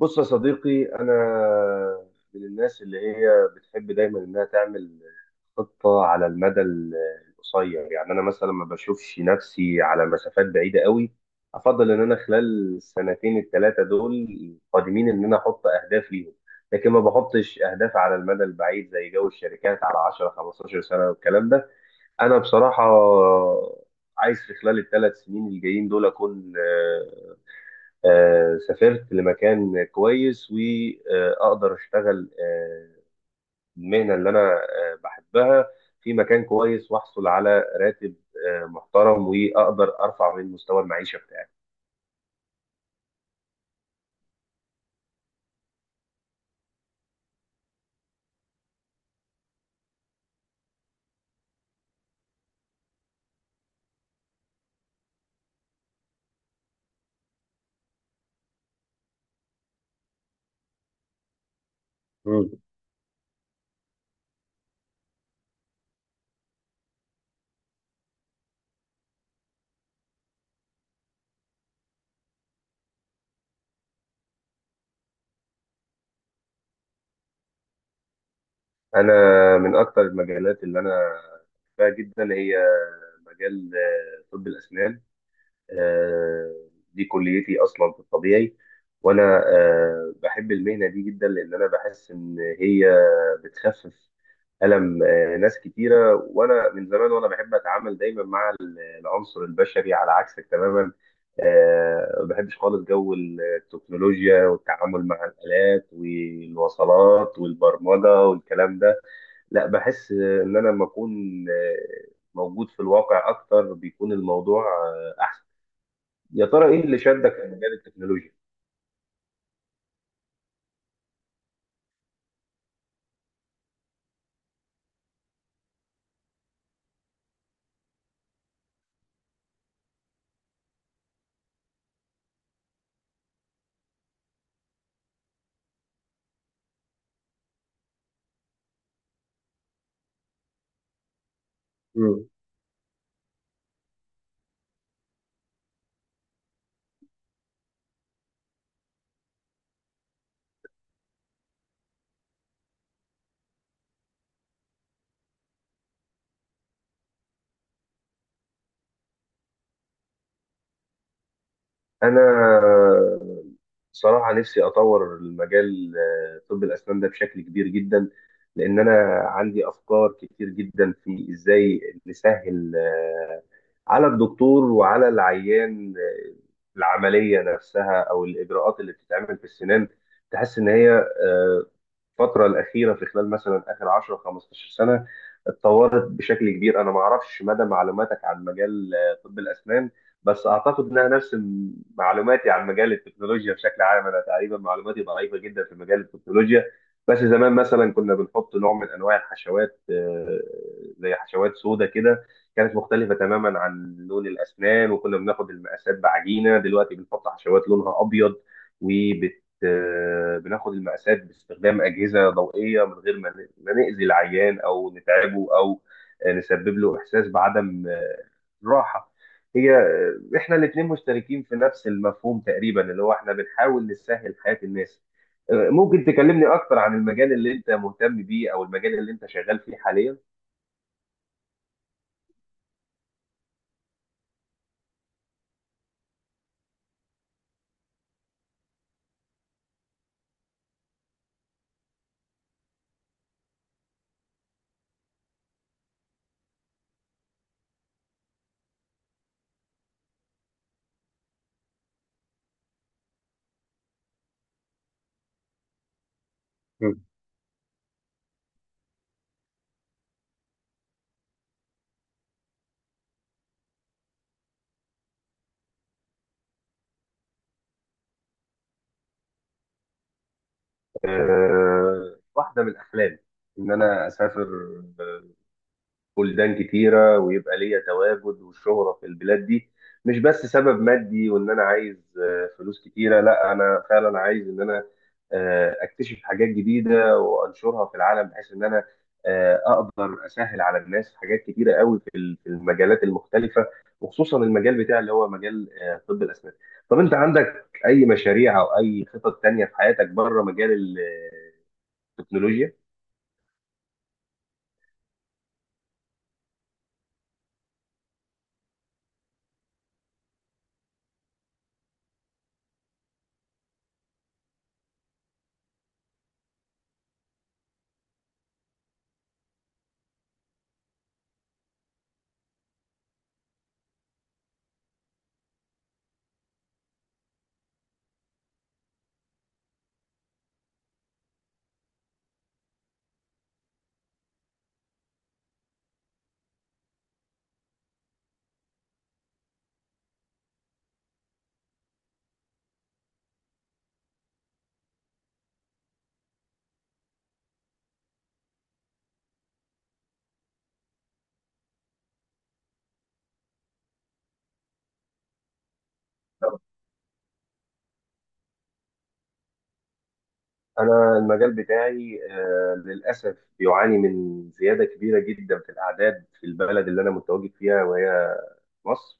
بص يا صديقي، أنا من الناس اللي هي بتحب دايما إنها تعمل خطة على القصير. يعني أنا مثلا ما بشوفش نفسي على مسافات بعيدة قوي. أفضل إن أنا خلال السنتين الثلاثة دول القادمين إن أنا أحط أهداف ليهم، لكن ما بحطش أهداف على المدى البعيد زي جو الشركات على 10 15 سنة والكلام ده. أنا بصراحة عايز في خلال الثلاث سنين الجايين دول أكون سافرت لمكان كويس، وأقدر أشتغل المهنة اللي أنا بحبها في مكان كويس، وأحصل على راتب محترم، وأقدر أرفع من مستوى المعيشة بتاعي. مم. أنا من أكتر المجالات اللي أنا بحبها جدا هي مجال طب الأسنان. آه، دي كليتي اصلا في الطبيعي، وانا بحب المهنه دي جدا، لان انا بحس ان هي بتخفف الم ناس كتيره. وانا من زمان وانا بحب اتعامل دايما مع العنصر البشري، على عكسك تماما. ما بحبش خالص جو التكنولوجيا والتعامل مع الالات والوصلات والبرمجه والكلام ده. لا، بحس ان انا لما اكون آه، موجود في الواقع اكتر بيكون الموضوع احسن. يا ترى ايه اللي شدك لمجال التكنولوجيا؟ مم. انا صراحة نفسي اطور المجال طب الاسنان ده بشكل كبير جدا، لان انا عندي افكار كتير جدا في ازاي نسهل على الدكتور وعلى العيان العملية نفسها او الاجراءات اللي بتتعمل في السنان. تحس ان هي الفترة الأخيرة في خلال مثلا آخر 10 15 سنة اتطورت بشكل كبير. أنا ما أعرفش مدى معلوماتك عن مجال طب الأسنان، بس أعتقد إنها نفس معلوماتي عن مجال التكنولوجيا بشكل عام. أنا تقريبا معلوماتي ضعيفة جدا في مجال التكنولوجيا. بس زمان مثلا كنا بنحط نوع من أنواع الحشوات زي حشوات سودا كده، كانت مختلفة تماما عن لون الأسنان، وكنا بناخد المقاسات بعجينة. دلوقتي بنحط حشوات لونها أبيض، وب آه، بناخد المقاسات باستخدام أجهزة ضوئية، من غير ما ما نأذي العيان أو نتعبه أو نسبب له إحساس بعدم راحة. هي إحنا الاتنين مشتركين في نفس المفهوم تقريبا، اللي هو إحنا بنحاول نسهل حياة الناس. ممكن تكلمني أكتر عن المجال اللي أنت مهتم بيه، أو المجال اللي أنت شغال فيه حاليا؟ مم. واحدة من أحلامي إن أنا أسافر بلدان كتيرة، ويبقى ليا تواجد وشهرة في البلاد دي. مش بس سبب مادي، وإن أنا عايز فلوس كتيرة، لا، أنا فعلا عايز إن أنا أكتشف حاجات جديدة وأنشرها في العالم، بحيث إن أنا أقدر أسهل على الناس حاجات كتيرة قوي في في المجالات المختلفة، وخصوصا المجال بتاعي اللي هو مجال طب الأسنان. طب أنت عندك أي مشاريع أو أي خطط تانية في حياتك بره مجال التكنولوجيا؟ أنا المجال بتاعي للأسف بيعاني من زيادة كبيرة جدا في الأعداد في البلد اللي أنا متواجد فيها، وهي مصر.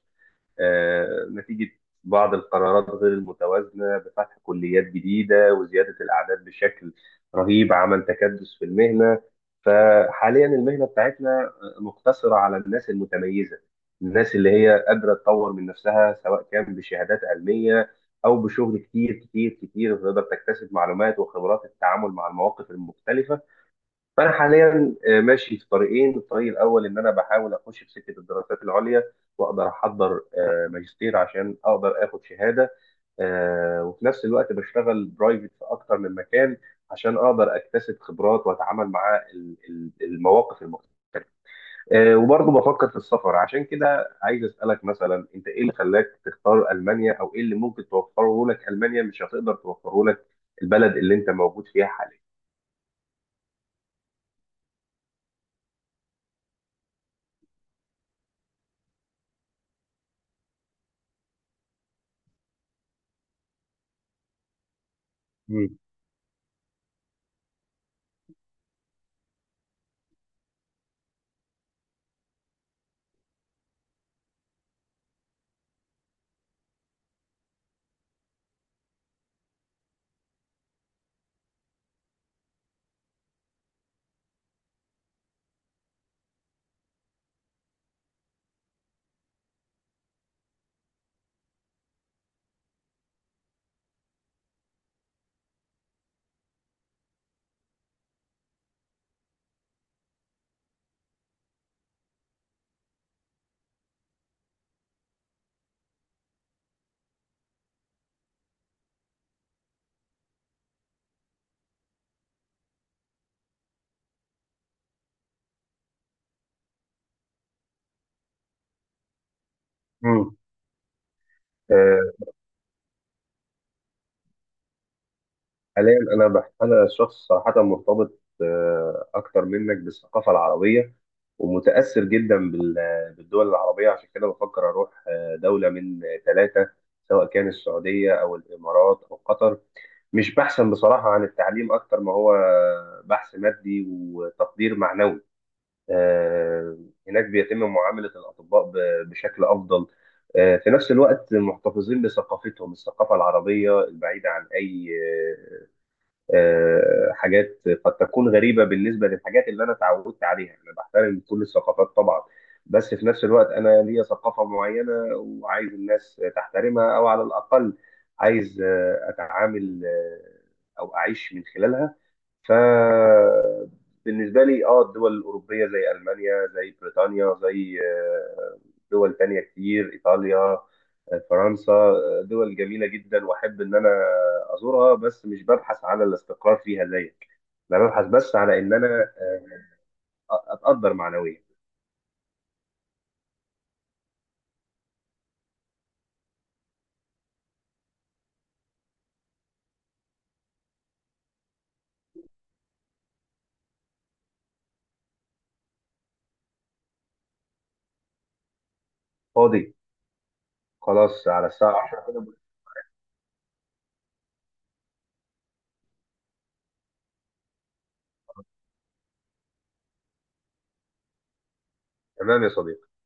نتيجة بعض القرارات غير المتوازنة بفتح كليات جديدة وزيادة الأعداد بشكل رهيب، عمل تكدس في المهنة. فحاليا المهنة بتاعتنا مقتصرة على الناس المتميزة، الناس اللي هي قادرة تطور من نفسها، سواء كان بشهادات علمية أو بشغل كتير كتير كتير تقدر تكتسب معلومات وخبرات التعامل مع المواقف المختلفة. فانا حاليا ماشي في طريقين. الطريق الاول ان انا بحاول اخش في سكه الدراسات العليا، واقدر احضر ماجستير عشان اقدر اخد شهاده. وفي نفس الوقت بشتغل برايفت في اكتر من مكان عشان اقدر اكتسب خبرات واتعامل مع المواقف المختلفه. وبرضه بفكر في السفر. عشان كده عايز اسالك مثلا، انت ايه اللي خلاك تختار المانيا؟ او ايه اللي ممكن توفره لك المانيا مش هتقدر توفره لك البلد اللي انت موجود فيها حاليا؟ مم. مم. حاليا انا شخص صراحه مرتبط اكتر منك بالثقافه العربيه، ومتاثر جدا بالدول العربيه. عشان كده بفكر اروح دوله من ثلاثه، سواء كان السعوديه او الامارات او قطر. مش بحثا بصراحه عن التعليم، اكتر ما هو بحث مادي وتقدير معنوي. آه، هناك بيتم معامله الاطباء بشكل افضل. في نفس الوقت محتفظين بثقافتهم، الثقافة العربية البعيدة عن أي حاجات قد تكون غريبة بالنسبة للحاجات اللي أنا اتعودت عليها. أنا بحترم كل الثقافات طبعا، بس في نفس الوقت أنا ليا ثقافة معينة، وعايز الناس تحترمها، أو على الأقل عايز أتعامل أو أعيش من خلالها. فبالنسبة لي، اه الدول الأوروبية زي ألمانيا، زي بريطانيا، زي دول تانية كتير، إيطاليا فرنسا، دول جميلة جدا وأحب إن أنا أزورها، بس مش ببحث على الاستقرار فيها زيك. أنا ببحث بس على إن أنا أتقدر معنويا. فاضي. خلاص على الساعة 10 كده. تمام يا صديقي.